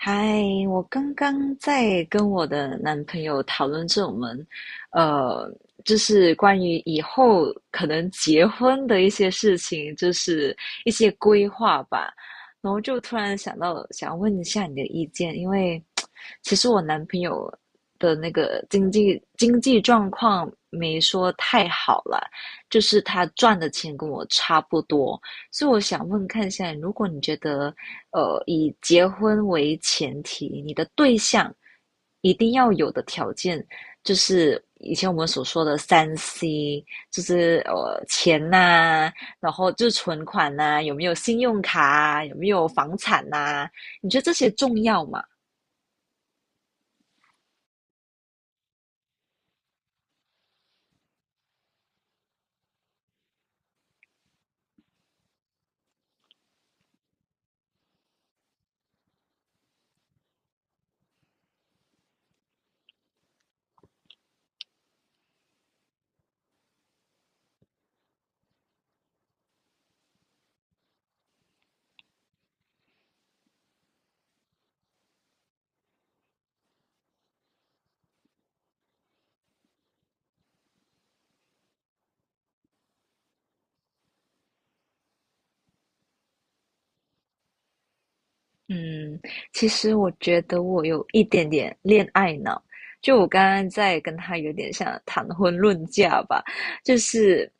嗨，我刚刚在跟我的男朋友讨论这种们，呃，就是关于以后可能结婚的一些事情，就是一些规划吧。然后就突然想到，想问一下你的意见，因为其实我男朋友的那个经济状况没说太好了，就是他赚的钱跟我差不多，所以我想问看一下，如果你觉得以结婚为前提，你的对象一定要有的条件，就是以前我们所说的三 C，就是钱呐、啊然后就是存款呐、啊有没有信用卡啊，有没有房产呐、啊你觉得这些重要吗？嗯，其实我觉得我有一点点恋爱脑，就我刚刚在跟他有点像谈婚论嫁吧，就是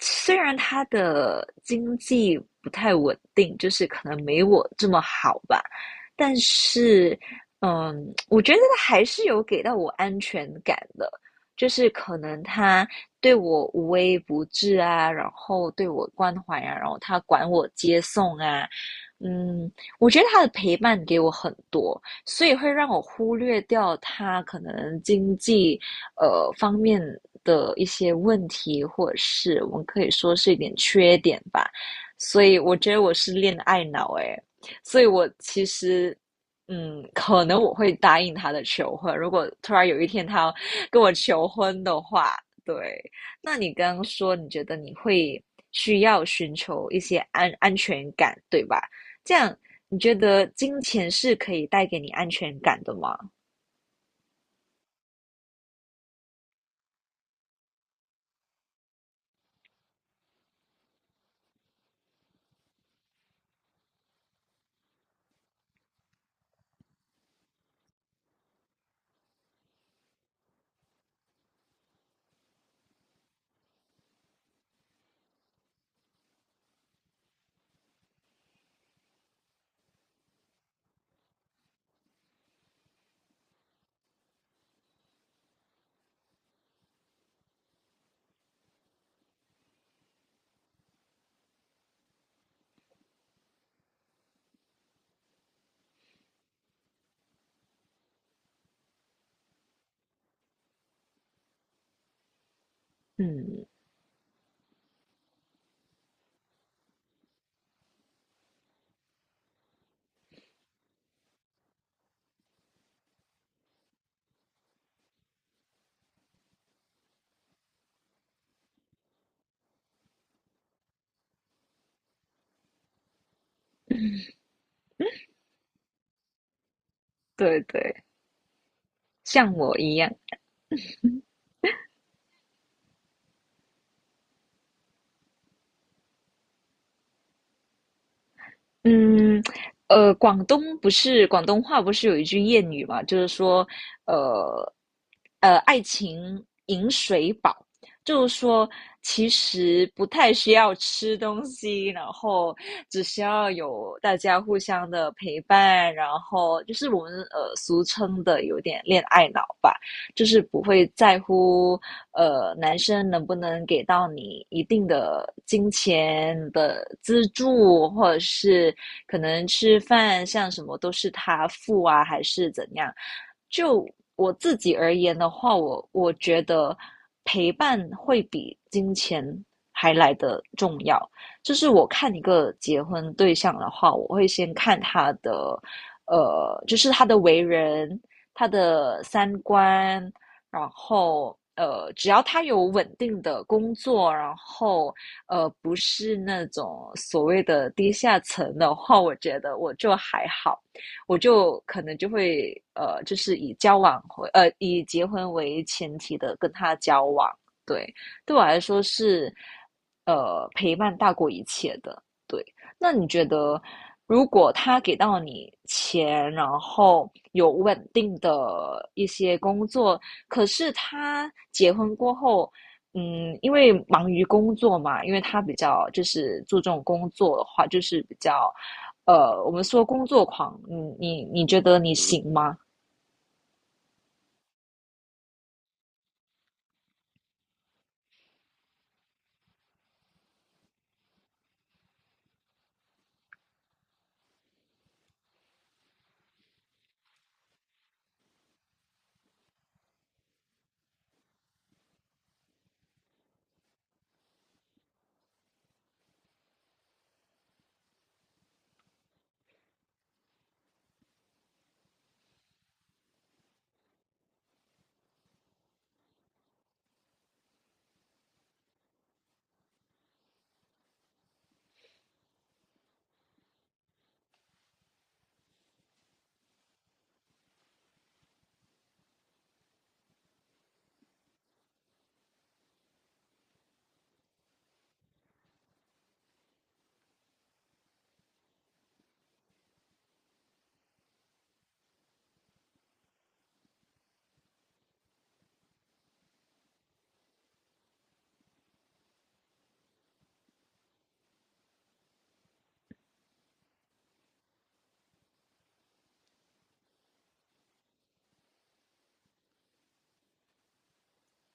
虽然他的经济不太稳定，就是可能没我这么好吧，但是嗯，我觉得他还是有给到我安全感的，就是可能他对我无微不至啊，然后对我关怀啊，然后他管我接送啊。嗯，我觉得他的陪伴给我很多，所以会让我忽略掉他可能经济方面的一些问题，或者是我们可以说是一点缺点吧。所以我觉得我是恋爱脑诶，所以我其实。嗯，可能我会答应他的求婚。如果突然有一天他要跟我求婚的话，对，那你刚刚说你觉得你会需要寻求一些安全感，对吧？这样你觉得金钱是可以带给你安全感的吗？嗯，对对，像我一样，嗯，广东不是广东话不是有一句谚语嘛，就是说，呃，爱情饮水饱，就是说其实不太需要吃东西，然后只需要有大家互相的陪伴，然后就是我们俗称的有点恋爱脑吧。就是不会在乎男生能不能给到你一定的金钱的资助，或者是可能吃饭像什么都是他付啊，还是怎样？就我自己而言的话，我觉得陪伴会比金钱还来得重要。就是我看一个结婚对象的话，我会先看他的，就是他的为人、他的三观，然后只要他有稳定的工作，然后不是那种所谓的低下层的话，我觉得我就还好，我就可能就会就是以结婚为前提的跟他交往，对，对我来说是陪伴大过一切的，对。那你觉得，如果他给到你钱，然后有稳定的一些工作，可是他结婚过后，嗯，因为忙于工作嘛，因为他比较就是注重工作的话，就是比较，我们说工作狂，你觉得你行吗？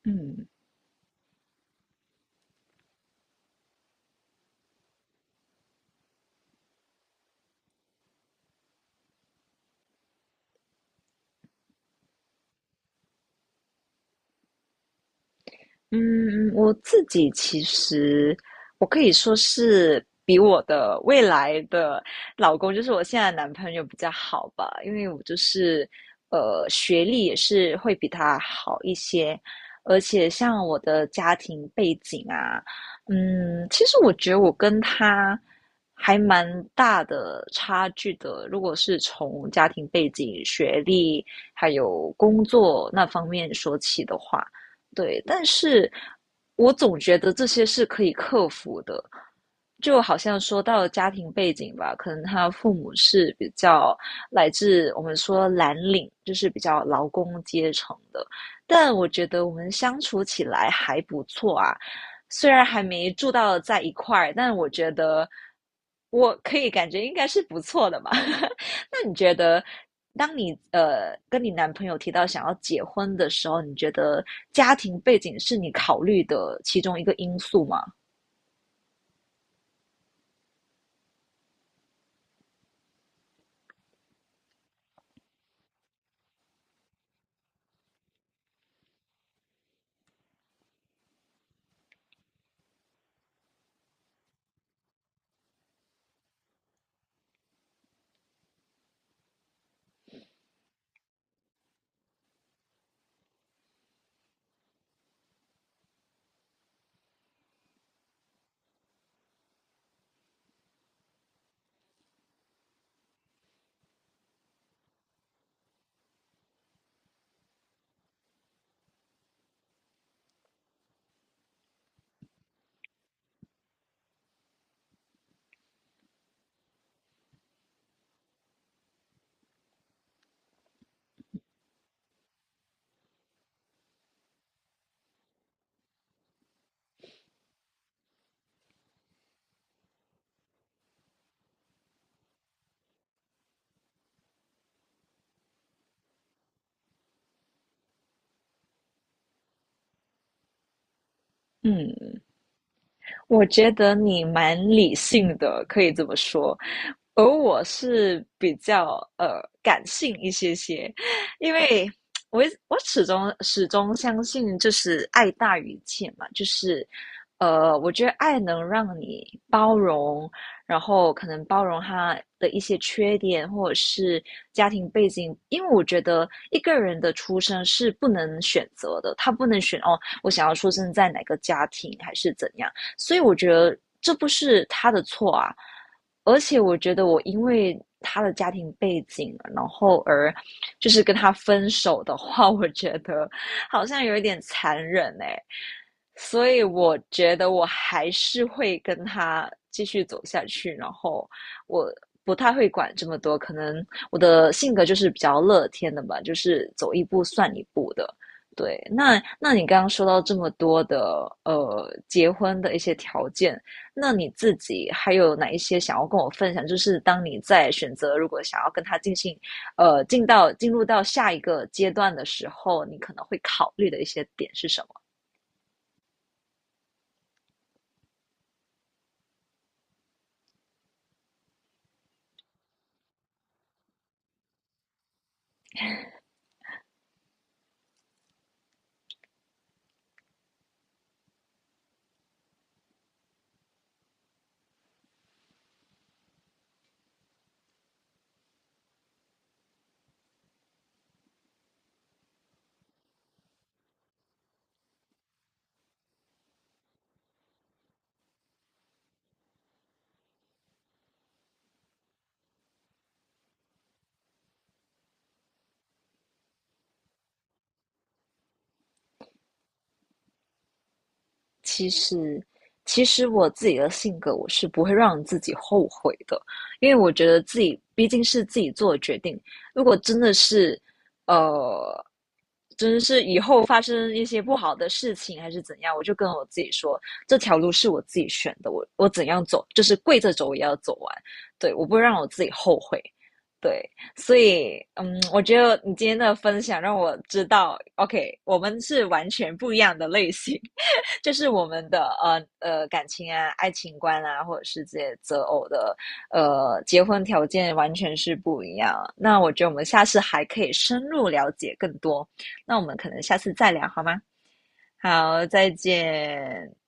嗯，嗯，我自己其实我可以说是比我的未来的老公，就是我现在的男朋友比较好吧，因为我就是学历也是会比他好一些，而且像我的家庭背景啊，嗯，其实我觉得我跟他还蛮大的差距的，如果是从家庭背景、学历还有工作那方面说起的话。对，但是我总觉得这些是可以克服的。就好像说到家庭背景吧，可能他父母是比较来自我们说蓝领，就是比较劳工阶层的，但我觉得我们相处起来还不错啊。虽然还没住到在一块儿，但我觉得我可以感觉应该是不错的嘛。那你觉得当你跟你男朋友提到想要结婚的时候，你觉得家庭背景是你考虑的其中一个因素吗？嗯，我觉得你蛮理性的，可以这么说。而我是比较感性一些些，因为我始终相信就是爱大于一切嘛，就是我觉得爱能让你包容，然后可能包容他的一些缺点或者是家庭背景，因为我觉得一个人的出生是不能选择的，他不能选哦，我想要出生在哪个家庭还是怎样。所以我觉得这不是他的错啊。而且我觉得我因为他的家庭背景，然后而就是跟他分手的话，我觉得好像有一点残忍哎、欸所以我觉得我还是会跟他继续走下去，然后我不太会管这么多，可能我的性格就是比较乐天的吧，就是走一步算一步的。对，那你刚刚说到这么多的结婚的一些条件，那你自己还有哪一些想要跟我分享？就是当你在选择如果想要跟他进行进入到下一个阶段的时候，你可能会考虑的一些点是什么？其实，其实我自己的性格，我是不会让自己后悔的，因为我觉得自己毕竟是自己做的决定。如果真的是，呃，真的是以后发生一些不好的事情还是怎样，我就跟我自己说，这条路是我自己选的，我怎样走，就是跪着走也要走完。对，我不会让我自己后悔。对，所以，嗯，我觉得你今天的分享让我知道，OK，我们是完全不一样的类型。这是我们的感情啊、爱情观啊，或者是这些择偶的结婚条件完全是不一样。那我觉得我们下次还可以深入了解更多。那我们可能下次再聊好吗？好，再见。